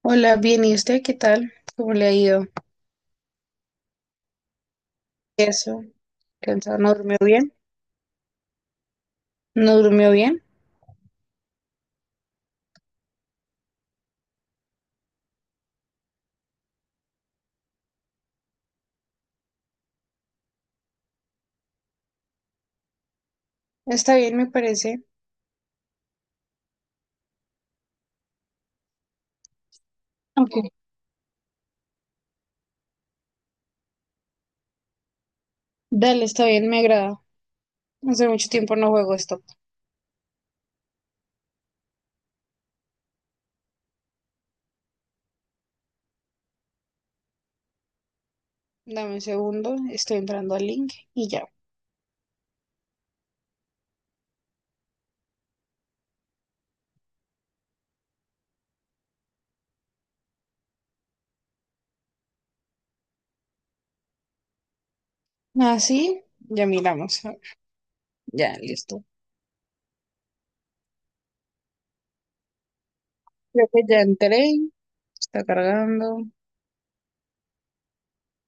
Hola, bien, ¿y usted qué tal? ¿Cómo le ha ido? Eso, cansado, ¿no durmió bien? ¿No durmió bien? Está bien, me parece. Ok, dale, está bien, me agrada. Hace mucho tiempo no juego esto. Dame un segundo, estoy entrando al link y ya. Así, ya miramos. Ya, listo. Creo que ya entré, está cargando.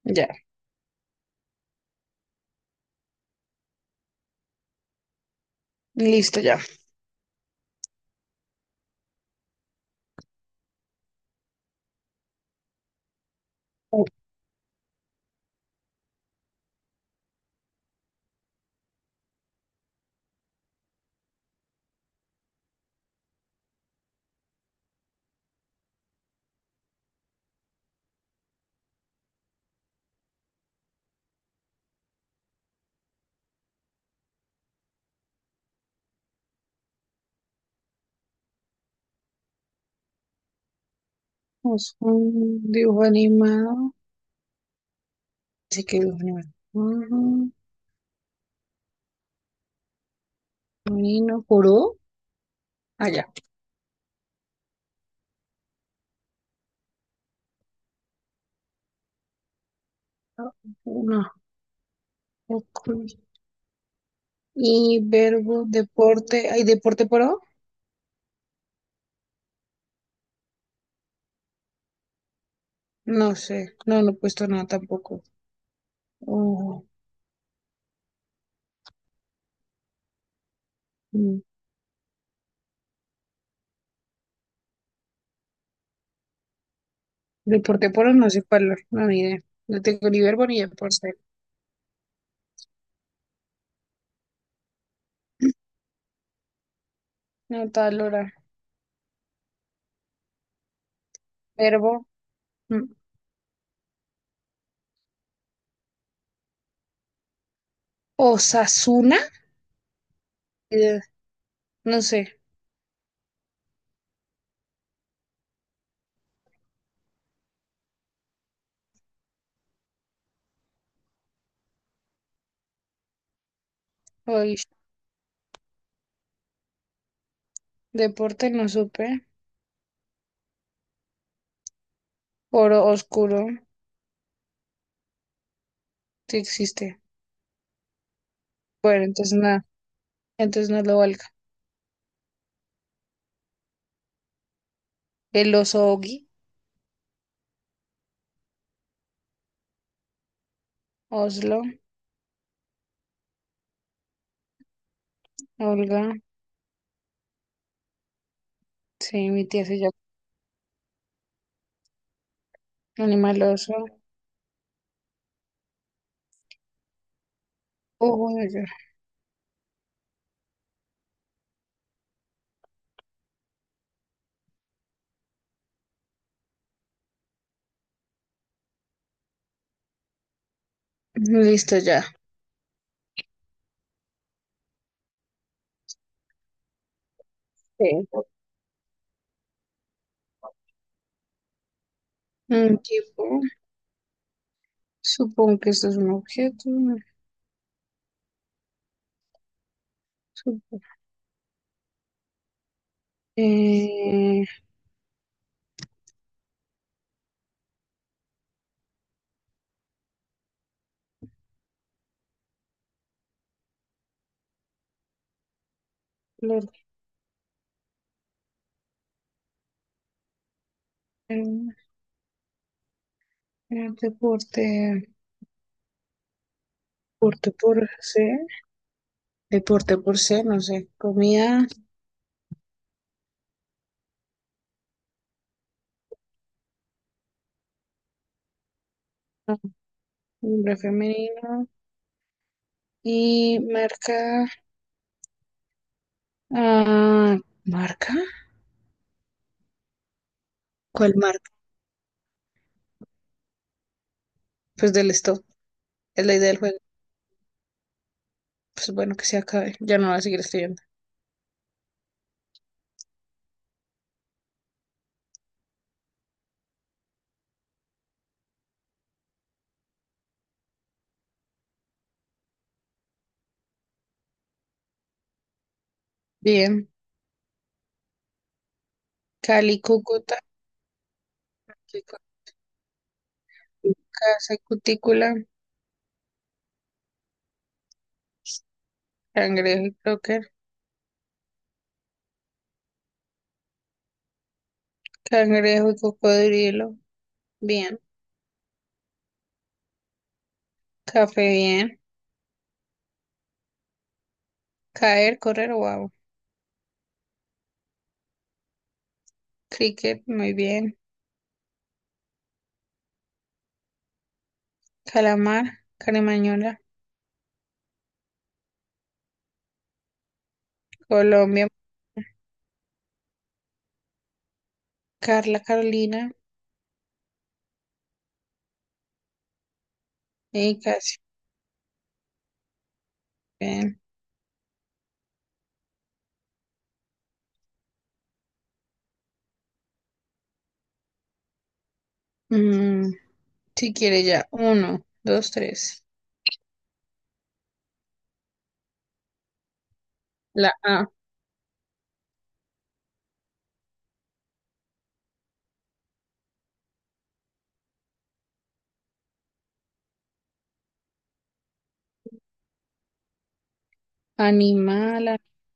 Ya, listo, ya. Es un dibujo animado. Dice que dibujo animado. Ujú. Nino Kuro. Ah, ya. Uno. Ok. Y verbo, deporte, ¿hay deporte pro? No sé, no, no he puesto nada tampoco. Oh, mm. Deporte pro, no sé cuál, no, ni idea. No tengo ni verbo ni deporte. No, tal hora. Verbo. Mm. Osasuna. Eh, no sé. Oye, deporte no supe. Oro oscuro, sí existe. Bueno, entonces nada, entonces no lo valga. El oso Ogi, Oslo, Olga, sí, mi tía se llama. Animal oso. Ojo. Listo ya. Sí. Un tipo, supongo que esto es un objeto, ¿no? Supo- Eh, lo- eh, deporte, deporte por C, deporte por C, no sé. Comida. Ah, nombre femenino y marca. Ah, ¿marca? ¿Cuál marca? Pues del stop, es la idea del juego. Pues bueno, que se acabe, ya no voy a seguir escribiendo. Bien, Cali, Cúcuta, Casa y Cutícula, Cangrejo y Croqueta. Cangrejo y cocodrilo. Bien. Café, bien. Caer, correr, wow. Cricket, muy bien. Calamar, caremañola. Colombia, Carla, Carolina. Y casi. Bien. Mm, si quiere ya. Uno, dos, tres. La A. Animal,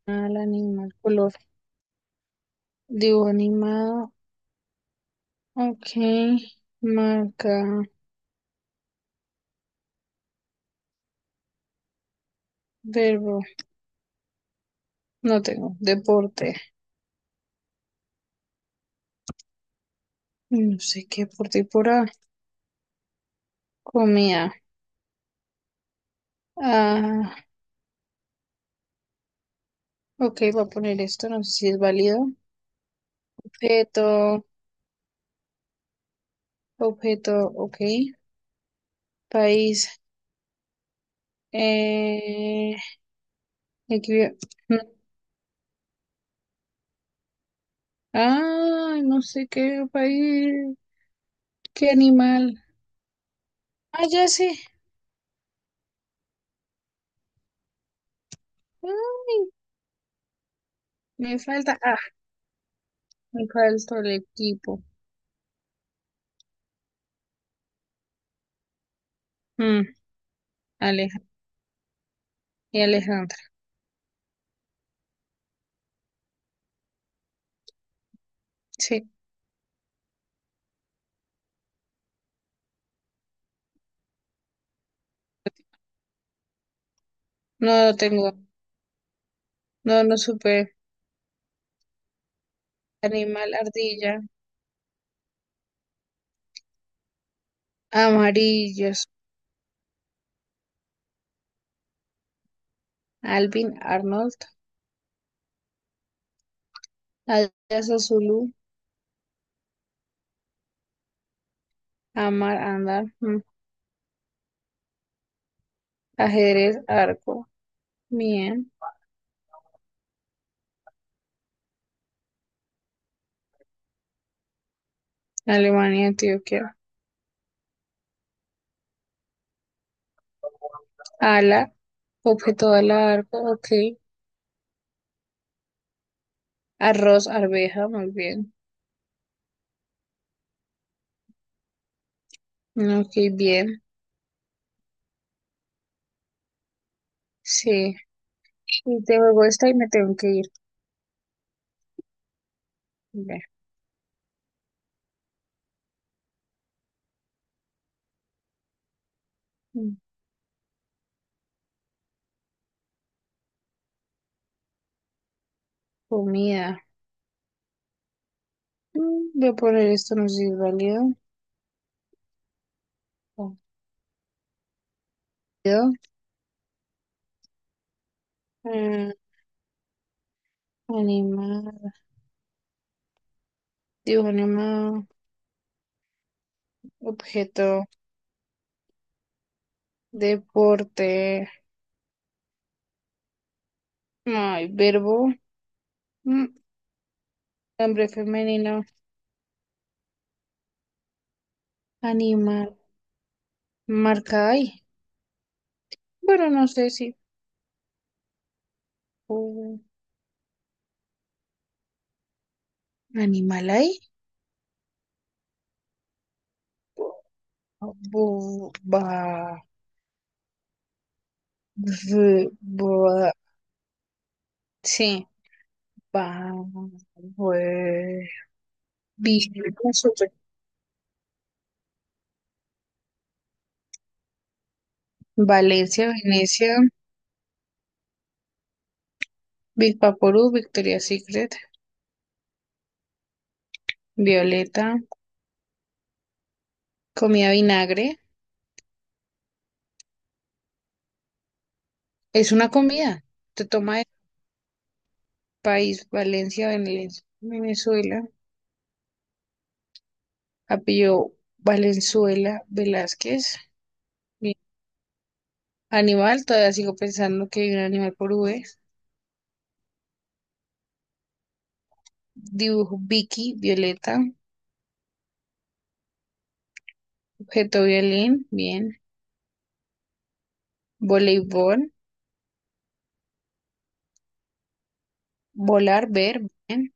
animal, animal. Color. Dibujo animado. Ok. Marca. Verbo. No tengo. Deporte. No sé qué deporte hay por A. Comida. Ah. Ok, voy a poner esto, no sé si es válido. Objeto, Objeto, ok. País, eh, aquí veo- mm. Ay, no sé qué país, qué animal. Ah, ya sé. Ay, me falta, me falta el equipo. Mm, Aleja- y Alejandra. Sí, no lo tengo, no, no supe. Animal, ardilla, amarillos. Alvin, Arnold, Adidas, Zulu, Amar, andar. Mm. Ajedrez, arco, bien, Alemania, Antioquia, ala, objeto de ala, arco, ok, arroz, arveja, muy bien, ok, bien, sí, y te juego esta y me tengo que ir, Ve. Mm, comida, mm, voy a poner esto, no sé si es válido, válido. Eh, animal, dibujo animal, objeto, deporte, ay, verbo, mm, hombre femenino, animal, marca ahí. Pero no sé si un animal ahí. Bu- ba- bu- bu- Sí, va. Valencia, Venecia, Bispaporú, Victoria Secret, Violeta, comida vinagre. Es una comida. Te toma el país, Valencia, Venezuela. Apellido Valenzuela Velázquez. Mi Animal, todavía sigo pensando que hay un animal por V. Dibujo Vicky, Violeta, objeto violín, bien. Voleibol, volar, ver, bien.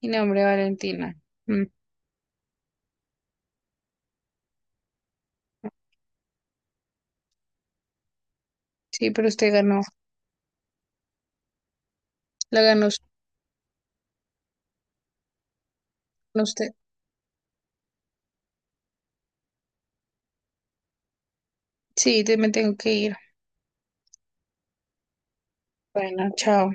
Y nombre Valentina. Mm. Sí, pero usted ganó. La ganó s- usted. Sí, me tengo que ir. Bueno, chao.